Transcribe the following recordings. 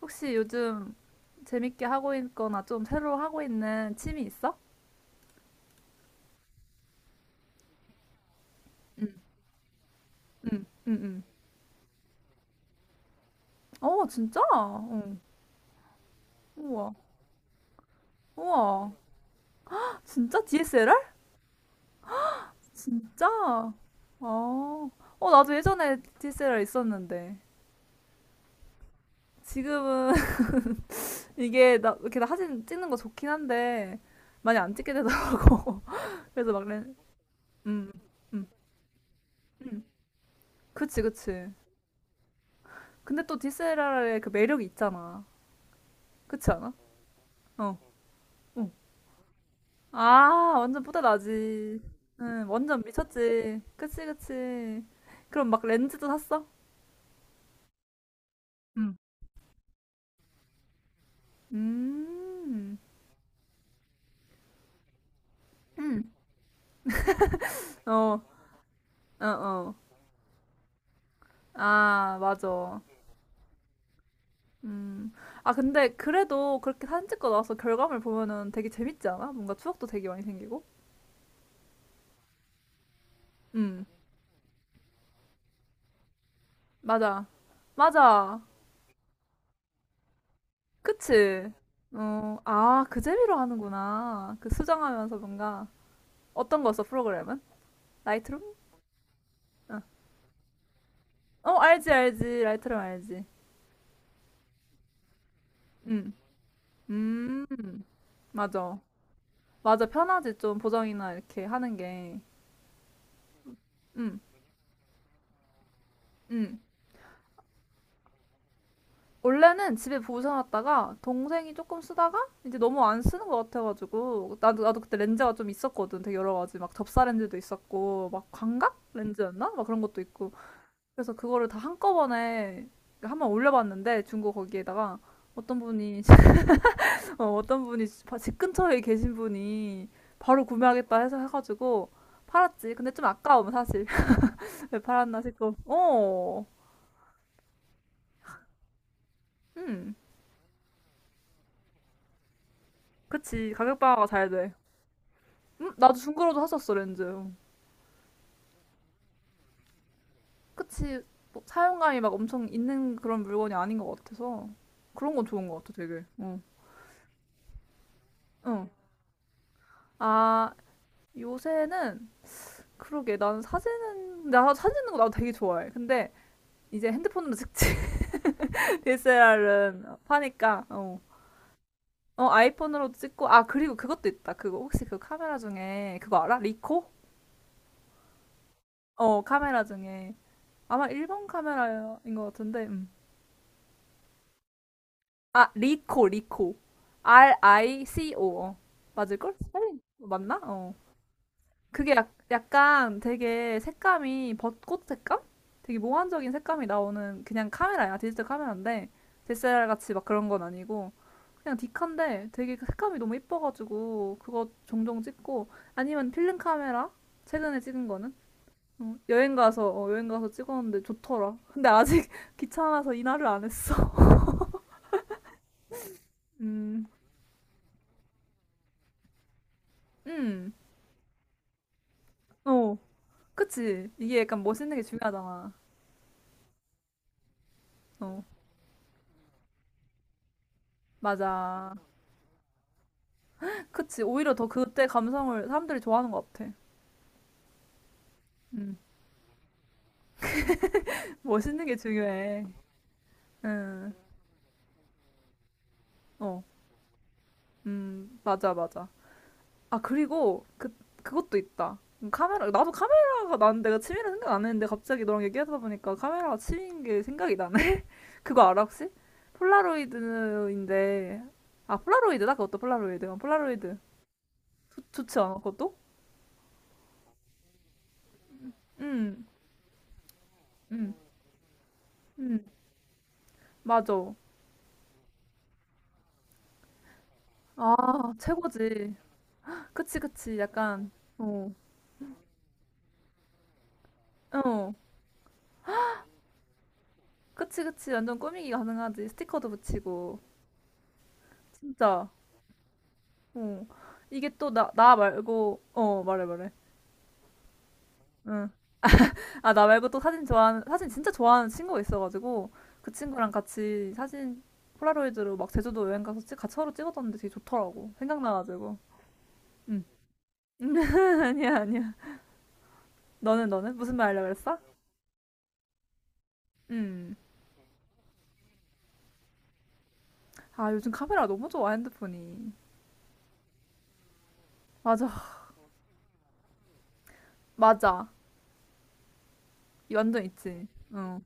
혹시 요즘 재밌게 하고 있거나 좀 새로 하고 있는 취미 있어? 응, 응, 응, 응. 어, 진짜? 어. 우와, 우와. 진짜 DSLR? 진짜? 어, 어, 나도 예전에 DSLR 있었는데. 지금은 이게 나 이렇게 사진 찍는 거 좋긴 한데 많이 안 찍게 되더라고. 그래서 막 렌, 음, 음, 음. 그치, 그치. 근데 또 DSLR의 그 매력이 있잖아. 그치 않아? 어, 어. 아, 완전 뿌듯하지. 응, 완전 미쳤지. 그치, 그치. 그럼 막 렌즈도 샀어? 응. 음, 음, 어, 어, 어. 아, 맞아. 음. 아, 근데 그래도 그렇게 사진 찍고 나서 결과물 보면은 되게 재밌지 않아? 뭔가 추억도 되게 많이 생기고. 음, 맞아. 맞아. 그치? 어, 아, 그 재미로 하는구나. 그 수정하면서 뭔가. 어떤 거였어, 프로그램은? 라이트룸? 어. 어, 알지, 알지. 라이트룸 알지. 응. 음, 맞아. 맞아. 편하지, 좀 보정이나 이렇게 하는 게. 응, 응. 원래는 집에 보셔놨다가 동생이 조금 쓰다가 이제 너무 안 쓰는 것 같아가지고 나도 그때 렌즈가 좀 있었거든. 되게 여러 가지 막 접사 렌즈도 있었고 막 광각 렌즈였나 막 그런 것도 있고. 그래서 그거를 다 한꺼번에 한번 올려봤는데 중고 거기에다가 어떤 분이 어, 어떤 분이 집 바- 집 근처에 계신 분이 바로 구매하겠다 해서 해가지고 팔았지. 근데 좀 아까움 사실. 왜 팔았나 싶고. 어, 음, 그치. 가격 방어가 잘 돼. 나도 중고로도 샀었어, 렌즈. 그치. 뭐 사용감이 막 엄청 있는 그런 물건이 아닌 것 같아서 그런 건 좋은 것 같아 되게. 응, 응. 아, 요새는 그러게. 나는 사진은, 나 사진 찍는 거 나도 되게 좋아해. 근데 이제 핸드폰으로 찍지. DSLR은 파니까. 어. 어, 아이폰으로도 찍고, 아, 그리고 그것도 있다. 그거, 혹시 그 카메라 중에, 그거 알아? 리코? 어, 카메라 중에. 아마 일본 카메라인 것 같은데, 아, 리코, 리코. RICO. 어. 맞을걸? 스펠링 맞나? 어. 그게 약, 약간 되게 색감이 벚꽃 색감? 되게 몽환적인 색감이 나오는 그냥 카메라야. 디지털 카메라인데, DSLR 같이 막 그런 건 아니고, 그냥 디카인데 되게 그 색감이 너무 이뻐가지고 그거 종종 찍고. 아니면 필름 카메라. 최근에 찍은 거는 어, 여행 가서, 어, 여행 가서 찍었는데 좋더라. 근데 아직 귀찮아서 이날을 안 했어. 음, 음, 어, 그치. 이게 약간 멋있는 게 중요하잖아. 어, 맞아. 그치. 오히려 더 그때 감성을 사람들이 좋아하는 것 같아. 음, 멋있는 게 중요해. 음, 어, 맞아, 맞아. 아, 그리고 그, 그것도 있다. 카메라. 나도 카메라가, 나는 내가 취미라 생각 안 했는데 갑자기 너랑 얘기하다 보니까 카메라가 취미인 게 생각이 나네. 그거 알아 혹시? 폴라로이드인데, 아, 폴라로이드다. 그것도 폴라로이드. 어, 폴라로이드 좋지 않아, 그것도? 응, 응, 응. 맞아. 아, 최고지. 그치, 그치. 약간 어, 어, 그치, 그치. 완전 꾸미기 가능하지. 스티커도 붙이고 진짜. 어, 이게 또 나, 나 말고, 어, 말해, 말해. 응. 아, 나 말고 또 사진 좋아하는, 사진 진짜 좋아하는 친구가 있어가지고, 그 친구랑 같이 사진 폴라로이드로 막 제주도 여행 가서 찍, 같이 서로 찍었었는데 되게 좋더라고. 생각나가지고. 응. 아니야, 아니야. 너는, 너는? 무슨 말 하려고 그랬어? 응. 아, 요즘 카메라 너무 좋아, 핸드폰이. 맞아, 맞아. 이 완전 있지. 어.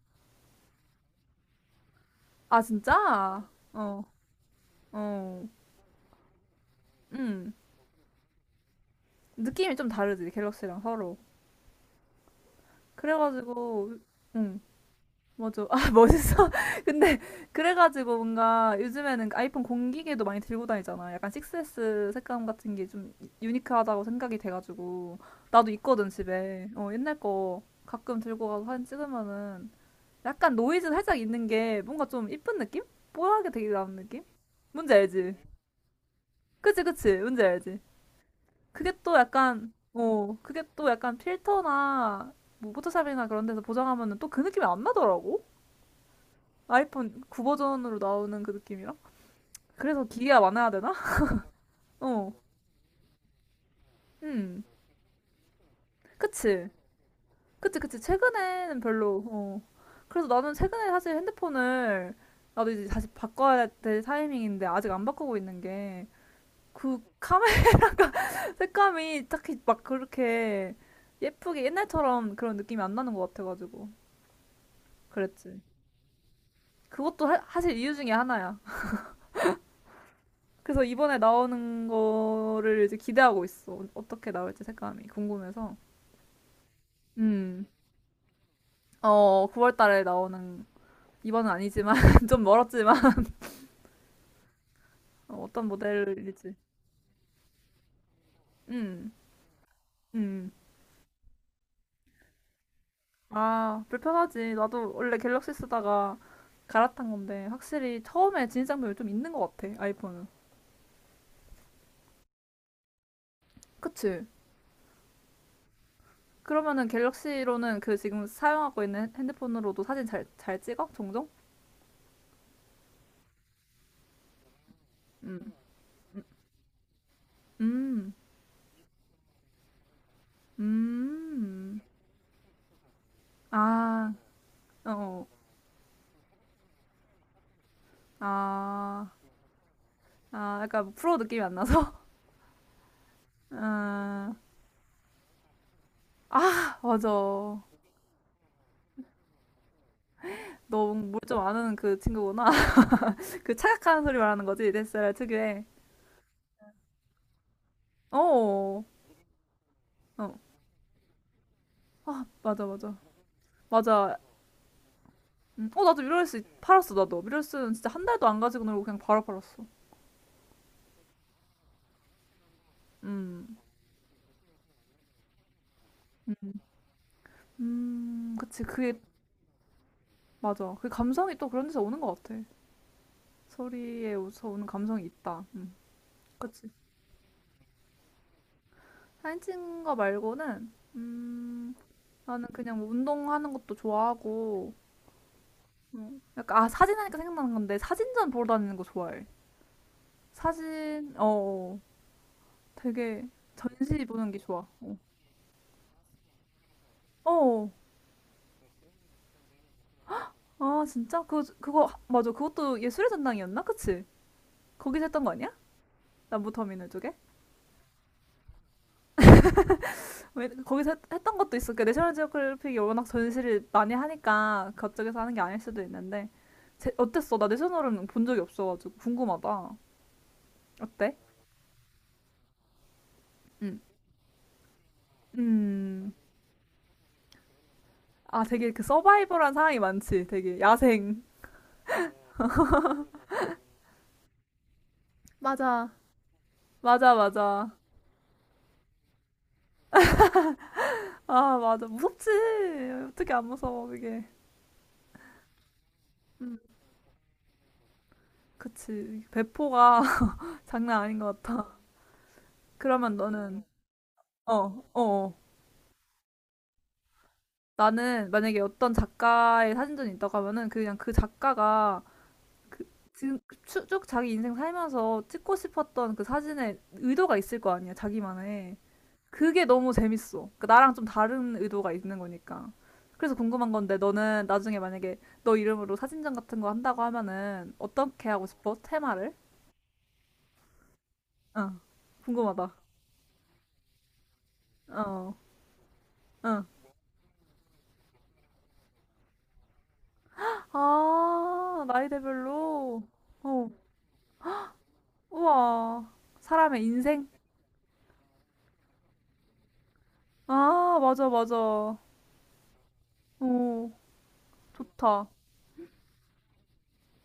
아, 진짜? 어, 어. 응. 느낌이 좀 다르지, 갤럭시랑 서로. 그래가지고, 응. 맞아. 아, 멋있어. 근데 그래가지고 뭔가 요즘에는 아이폰 공기계도 많이 들고 다니잖아. 약간 6S 색감 같은 게 좀 유니크하다고 생각이 돼가지고 나도 있거든, 집에. 어, 옛날 거 가끔 들고 가서 사진 찍으면은 약간 노이즈 살짝 있는 게 뭔가 좀 이쁜 느낌? 뽀얗게 되게 나는 느낌? 뭔지 알지? 그치, 그치. 뭔지 알지? 그게 또 약간 어, 그게 또 약간 필터나 뭐 포토샵이나 그런 데서 보정하면은 또 그 느낌이 안 나더라고. 아이폰 9 버전으로 나오는 그 느낌이라? 그래서 기기가 많아야 되나? 어. 음. 그치. 그치, 그치. 최근에는 별로, 어. 그래서 나는 최근에 사실 핸드폰을, 나도 이제 다시 바꿔야 될 타이밍인데 아직 안 바꾸고 있는 게 그 카메라 색감이 딱히 막 그렇게 예쁘게 옛날처럼 그런 느낌이 안 나는 것 같아가지고. 그랬지. 그것도 하, 사실 이유 중에 하나야. 그래서 이번에 나오는 거를 이제 기대하고 있어. 어떻게 나올지 색감이 궁금해서. 음. 어, 9월 달에 나오는, 이번은 아니지만 좀 멀었지만, 어, 어떤 모델일지. 음. 음. 아, 불편하지. 나도 원래 갤럭시 쓰다가 갈아탄 건데 확실히 처음에 진입장벽이 좀 있는 것 같아. 아이폰은. 그치? 그러면은 갤럭시로는 그 지금 사용하고 있는 핸드폰으로도 사진 잘, 잘 찍어? 종종? 음. 음. 음. 아. 어. 어. 아. 아, 약간 프로 느낌이 안 나서? 아, 맞아. 너뭘 좀 아는 그 친구구나. 그 착각하는 소리 말하는 거지. 넷살 특유의. 어. 어. 아, 맞아, 맞아. 맞아. 음. 어, 나도 미러리스 팔았어, 나도. 미러리스는 진짜 한 달도 안 가지고 놀고 그냥 바로 팔았어. 음. 그치. 그게, 맞아. 그 감성이 또 그런 데서 오는 것 같아. 소리에서 오는 감성이 있다. 음. 그치. 사진 찍은 거 말고는, 나는 그냥 뭐 운동하는 것도 좋아하고, 약간 아, 사진 하니까 생각나는 건데 사진전 보러 다니는 거 좋아해. 사진 어, 어. 되게 전시 보는 게 좋아. 어. 어. 어. 아, 진짜? 맞아. 그것도 예술의 전당이었나? 그치? 거기서 했던 거 아니야? 남부터미널 쪽에? 왜 거기서 했, 했던 것도 있어. 그 내셔널 지오그래픽이 워낙 전시를 많이 하니까 그쪽에서 하는 게 아닐 수도 있는데. 제, 어땠어? 나 내셔널은 본 적이 없어가지고 궁금하다. 어때? 음. 음. 아, 되게 그 서바이벌한 상황이 많지. 되게 야생. 맞아. 맞아, 맞아. 아, 맞아. 무섭지. 어떻게 안 무서워, 이게. 음, 그치. 배포가 장난 아닌 것 같아. 그러면 너는, 어, 어, 어. 나는 만약에 어떤 작가의 사진전이 있다고 하면은 그 그냥 그 작가가 그, 지금 쭉 쭉 자기 인생 살면서 찍고 싶었던 그 사진에 의도가 있을 거 아니야, 자기만의. 그게 너무 재밌어. 그러니까 나랑 좀 다른 의도가 있는 거니까. 그래서 궁금한 건데 너는 나중에 만약에 너 이름으로 사진전 같은 거 한다고 하면은 어떻게 하고 싶어? 테마를? 응. 궁금하다. 어. 응. 아, 나이대별로. 어. 우와. 사람의 인생? 아, 맞아, 맞아. 오, 좋다.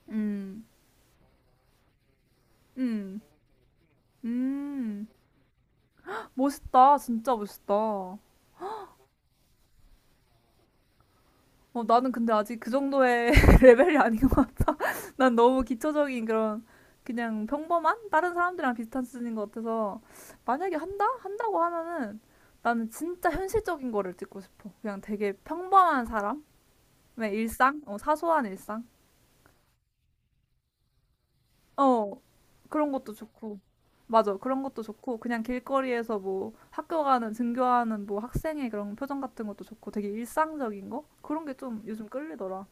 음. 음. 음. 멋있다. 진짜 멋있다. 어, 나는 근데 아직 그 정도의 레벨이 아닌 것 같아. 난 너무 기초적인 그런, 그냥 평범한 다른 사람들이랑 비슷한 수준인 것 같아서. 만약에 한다? 한다고 하면은 나는 진짜 현실적인 거를 찍고 싶어. 그냥 되게 평범한 사람의 일상? 어, 사소한 일상? 어, 그런 것도 좋고. 맞아. 그런 것도 좋고 그냥 길거리에서 뭐 학교 가는, 등교하는 뭐 학생의 그런 표정 같은 것도 좋고 되게 일상적인 거? 그런 게 좀 요즘 끌리더라.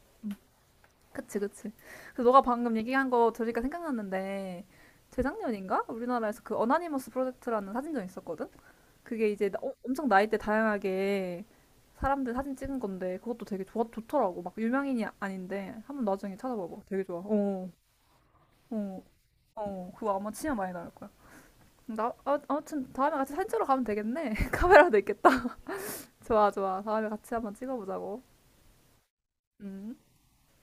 그치, 그치. 그 너가 방금 얘기한 거 들으니까 생각났는데, 재작년인가? 우리나라에서 그 어나니머스 프로젝트라는 사진전 있었거든? 그게 이제 나- 어- 엄청 나이대 다양하게 사람들 사진 찍은 건데, 그것도 되게 좋아, 좋더라고. 막 유명인이 아- 아닌데, 한번 나중에 찾아봐봐. 되게 좋아. 어, 어, 어. 그거 아마 치면 많이 나올 거야. 나, 아, 아무튼 다음에 같이 사진 찍으러 가면 되겠네. 카메라도 있겠다. 좋아, 좋아. 다음에 같이 한번 찍어보자고. 음.